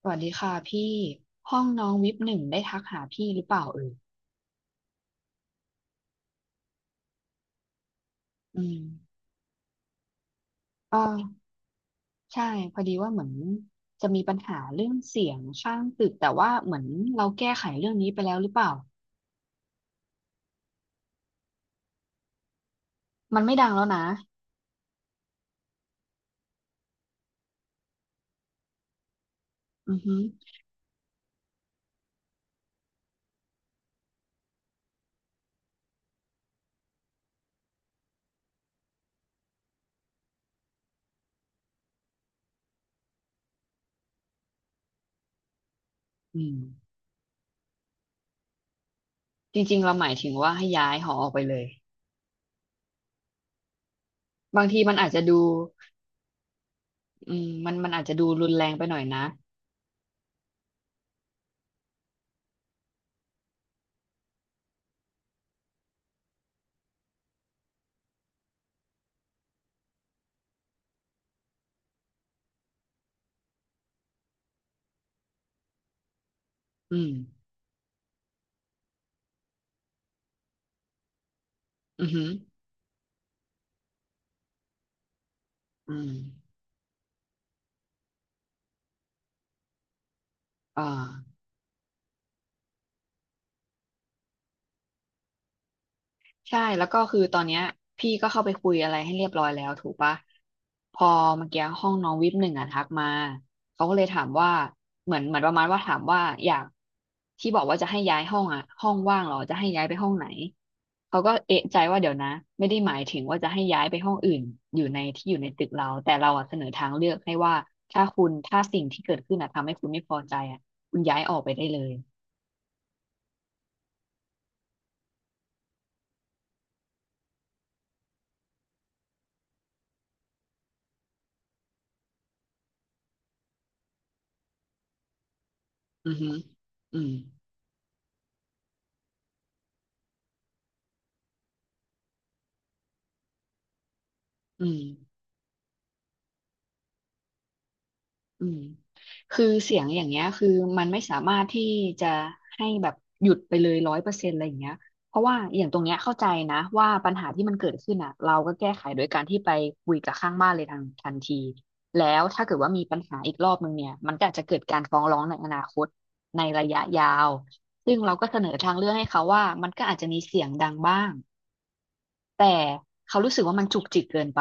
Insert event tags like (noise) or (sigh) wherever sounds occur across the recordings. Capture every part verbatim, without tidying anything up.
สวัสดีค่ะพี่ห้องน้องวิปหนึ่งได้ทักหาพี่หรือเปล่าเอ่ยอืมก็ใช่พอดีว่าเหมือนจะมีปัญหาเรื่องเสียงข้างตึกแต่ว่าเหมือนเราแก้ไขเรื่องนี้ไปแล้วหรือเปล่ามันไม่ดังแล้วนะอือฮึอืมจริงๆเราหมายถึงว่าให้ย้ายหอออกไปเลยบางทีมันอาจจะดูอืมมันมันอาจจะดูรุนแรงไปหน่อยนะอืมอือฮึอืมอ่า ใช่แล้วก็คือตอนเนี้ยพี่ก็เข้าไปคุยอะไรให้เรียบร้อยแล้วถูกปะพอเมื่อกี้ห้องน้องวิปหนึ่งอะทักมาเขาก็เลยถามว่าเหมือนเหมือนประมาณว่าถามว่าอยากที่บอกว่าจะให้ย้ายห้องอะห้องว่างเหรอจะให้ย้ายไปห้องไหนเขาก็เอะใจว่าเดี๋ยวนะไม่ได้หมายถึงว่าจะให้ย้ายไปห้องอื่นอยู่ในที่อยู่ในตึกเราแต่เราอะเสนอทางเลือกให้ว่าถ้าคุณถ้าสิ่งที่เกิดขึ้นอะทำให้คุณไม่พอใจอะคุณย้ายออกไปได้เลยอือฮึอืมอืม อืมคือเสียงอย่างเงี้ยคือมันไม่สามารถที่จะให้แบบหยุดไปเลยร้อยเปอร์เซ็นต์อะไรอย่างเงี้ยเพราะว่าอย่างตรงเนี้ยเข้าใจนะว่าปัญหาที่มันเกิดขึ้นอ่ะเราก็แก้ไขโดยการที่ไปคุยกับข้างบ้านเลยทันทันทีแล้วถ้าเกิดว่ามีปัญหาอีกรอบนึงเนี่ยมันก็อาจจะเกิดการฟ้องร้องในอนาคตในระยะยาวซึ่งเราก็เสนอทางเลือกให้เขาว่ามันก็อาจจะมีเสียงดังบ้างแต่เขารู้สึกว่ามันจุกจิกเกินไป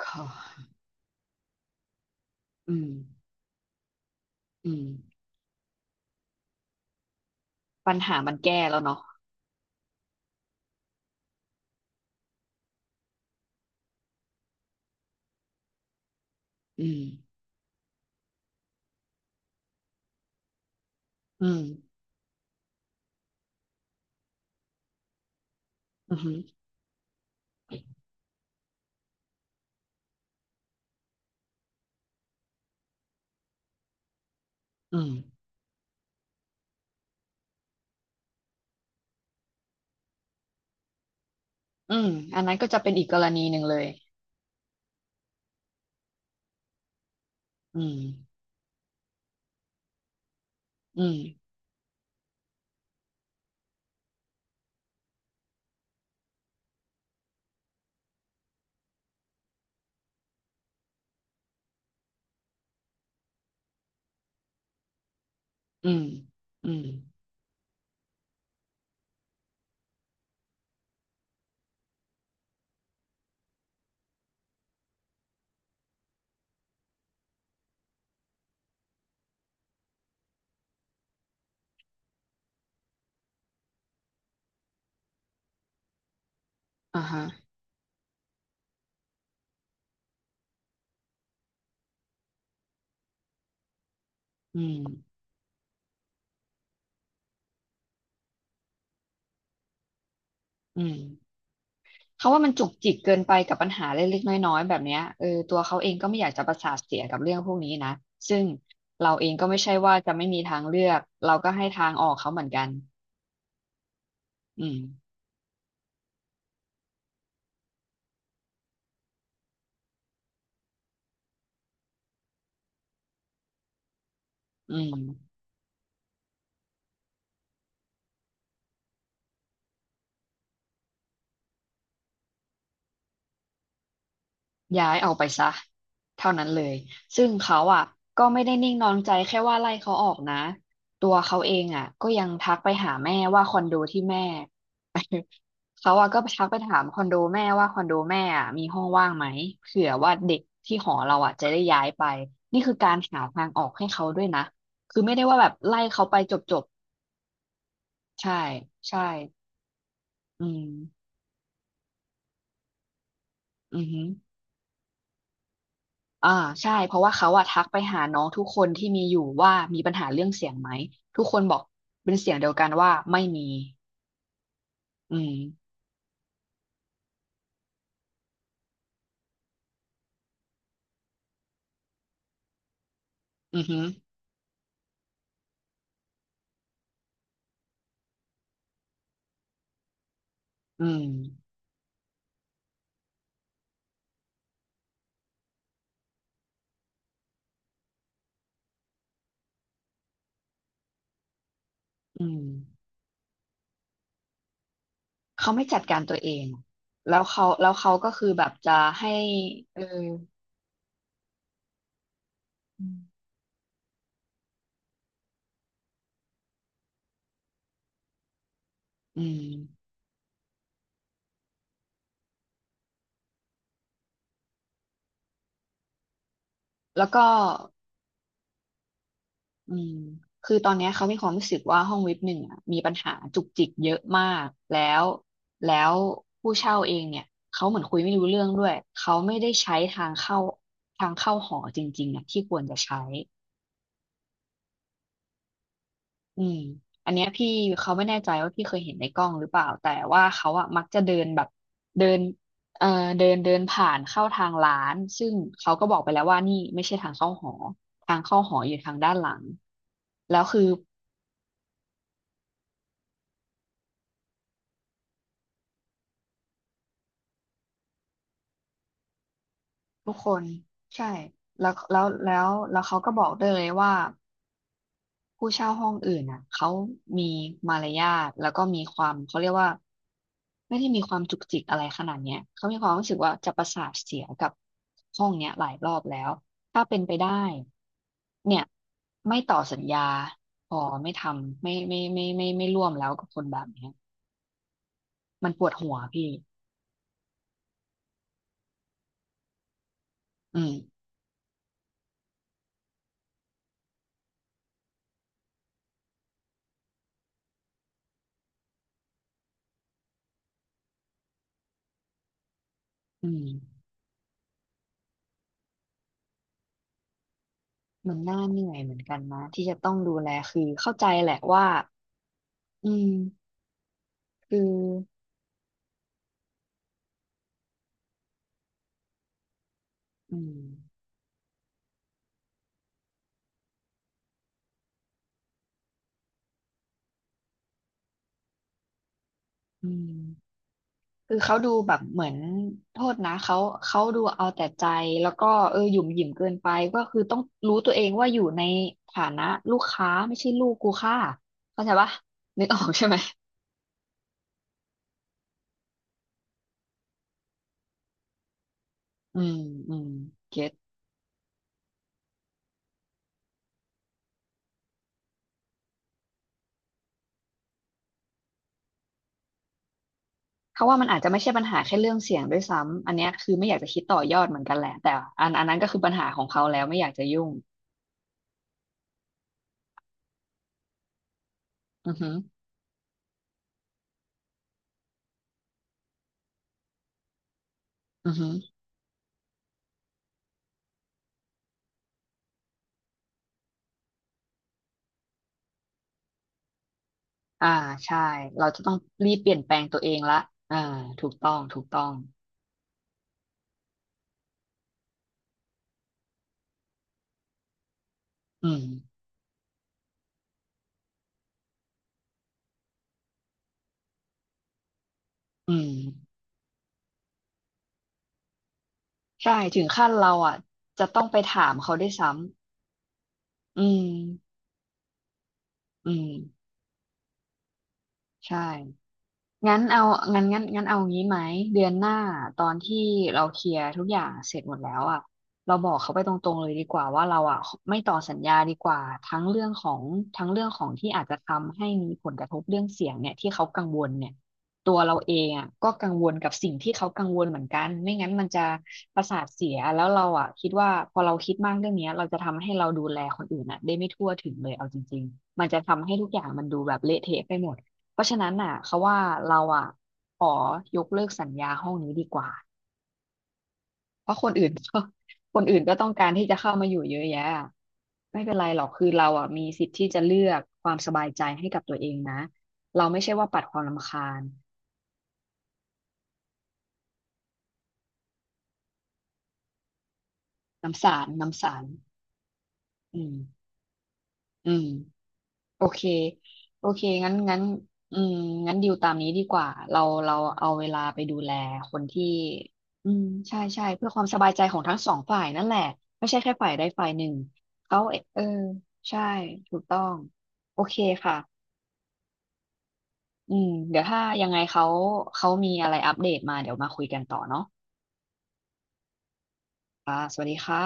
(sighs) ก็อืมอืมปัญหามันแก้แล้วเนาะอืม อืมอืมอหืออืมอืมอันนั้นก็จะเป็นอีกกรณีหนึ่งเลยอืมอืมอืมอืมอ่าฮะอืมอืมเขาว่ามันจุกจิกเกินไปกับปัญหาเล็กๆน้อยๆแบบเนี้ยเออตัวเขาเองก็ไม่อยากจะประสาทเสียกับเรื่องพวกนี้นะ ซึ่งเราเองก็ไม่ใช่ว่าจะไม่มีทางเลือก เราก็ให้ทางออกเขาเหมือนกันอืมอืม ย้ายออกไปซะเท่านั้นเลยซึ่งเขาอ่ะก็ไม่ได้นิ่งนอนใจแค่ว่าไล่เขาออกนะตัวเขาเองอ่ะก็ยังทักไปหาแม่ว่าคอนโดที่แม่ (laughs) เขาอ่ะก็ไปทักไปถามคอนโดแม่ว่าคอนโดแม่อ่ะมีห้องว่างไหมเผื่อว่าเด็กที่หอเราอ่ะจะได้ย้ายไปนี่คือการหาทางออกให้เขาด้วยนะคือไม่ได้ว่าแบบไล่เขาไปจบๆใช่ใช่อืมอือฮึ อ่าใช่เพราะว่าเขาอะทักไปหาน้องทุกคนที่มีอยู่ว่ามีปัญหาเรื่องเสียงไหมทุกคนบอกเป็นเสียงเดียวกันว่าไม่มีอืมอือหืออืมอืมเขาไม่จัดการตัวเองแล้วเขาแล้วเขาก็คือแบบจะให้เอออืมแล้วก็ อืมคือตอนเนี้ยเขามีความรู้สึกว่าห้องวิปหนึ่งอะมีปัญหาจุกจิกเยอะมากแล้วแล้วผู้เช่าเองเนี่ยเขาเหมือนคุยไม่รู้เรื่องด้วยเขาไม่ได้ใช้ทางเข้าทางเข้าหอจริงๆอะที่ควรจะใช้อืมอันเนี้ยพี่เขาไม่แน่ใจว่าพี่เคยเห็นในกล้องหรือเปล่า แต่ว่าเขาอะมักจะเดินแบบเดินเอ่อเดินเดินผ่านเข้าทางร้านซึ่งเขาก็บอกไปแล้วว่านี่ไม่ใช่ทางเข้าหอทางเข้าหออยู่ทางด้านหลังแล้วคือ ทุกคนใช่แล้วแล้วแล้วแล้วเขาก็บอกด้วยเลยว่าผู้เช่าห้องอื่นอ่ะเขามีมารยาทแล้วก็มีความเขาเรียกว่าไม่ได้มีความจุกจิกอะไรขนาดเนี้ยเขามีความรู้สึกว่าจะประสาทเสียกับห้องเนี้ยหลายรอบแล้วถ้าเป็นไปได้เนี่ยไม่ต่อสัญญาพอไม่ทำไม่ไม่ไม่ไม่ไม่ไม่ร่วมแล้วกับคนแบบเนี้ยมันปวดหัวพี่อืมอืมมันน่าเหนื่อยเหมือนกันนะที่จะต้องดูแลคือเข้าใจแหละว่า อืมคืออืมอืมคือเขาดูแบบเหมือนโทษนะเขาเขาดูเอาแต่ใจแล้วก็เออหยุ่มหยิมเกินไปก็คือต้องรู้ตัวเองว่าอยู่ในฐานะลูกค้าไม่ใช่ลูกกูค่าเข้าใจปะนึกออกใช่ไหมอืมอืมเก็ตเขาว่ามันอาจจะไม่ใช่ปัญหาแค่เรื่องเสียงด้วยซ้ำอันเนี้ยคือไม่อยากจะคิดต่อยอดเหมือนกันแหละแต่อันอันนั้นก็คือปัญหาของเขาแล้วไม่อยากจะยุ่งอือฮึอือฮึ อ่าใช่เราจะต้องรีบเปลี่ยนแปลงตัวเองละอ่าถูกต้องถูกต้องอืมอืมใช่ถึงขั้นเราอ่ะจะต้องไปถามเขาได้วยซ้ำอืมอืมใช่ งั้นเอางั้นงั้นงั้นเอางี้ไหมเดือนหน้าตอนที่เราเคลียร์ทุกอย่างเสร็จหมดแล้วอ่ะเราบอกเขาไปตรงๆเลยดีกว่าว่าเราอ่ะไม่ต่อสัญญาดีกว่าทั้งเรื่องของทั้งเรื่องของที่อาจจะทำให้มีผลกระทบเรื่องเสียงเนี่ยที่เขากังวลเนี่ยตัวเราเองอ่ะก็กังวลกับสิ่งที่เขากังวลเหมือนกันไม่งั้นมันจะประสาทเสียแล้วเราอ่ะคิดว่าพอเราคิดมากเรื่องเนี้ยเราจะทำให้เราดูแลคนอื่นอ่ะได้ไม่ทั่วถึงเลยเอาจริงๆมันจะทำให้ทุกอย่างมันดูแบบเละเทะไปหมด เพราะฉะนั้นน่ะเขาว่าเราอ่ะขอยกเลิกสัญญาห้องนี้ดีกว่าเพราะคนอื่นก็ (laughs) คนอื่นก็ต้องการที่จะเข้ามาอยู่เยอะแยะอะไม่เป็นไรหรอกคือเราอ่ะมีสิทธิ์ที่จะเลือกความสบายใจให้กับตัวเองนะเราไม่ใช่ว่าปัดความรำคาญน้ำสารน้ำสารอืมอืม โอเค โอเคงั้นงั้นอืมงั้นดิวตามนี้ดีกว่า เราเราเอาเวลาไปดูแลคนที่อืมใช่ใช่เพื่อความสบายใจของทั้งสองฝ่ายนั่นแหละไม่ใช่แค่ฝ่ายใดฝ่ายหนึ่งเขาเอเออใช่ถูกต้องโอเคค่ะอืมเดี๋ยวถ้ายังไงเขาเขามีอะไรอัปเดตมาเดี๋ยวมาคุยกันต่อเนาะค่ะสวัสดีค่ะ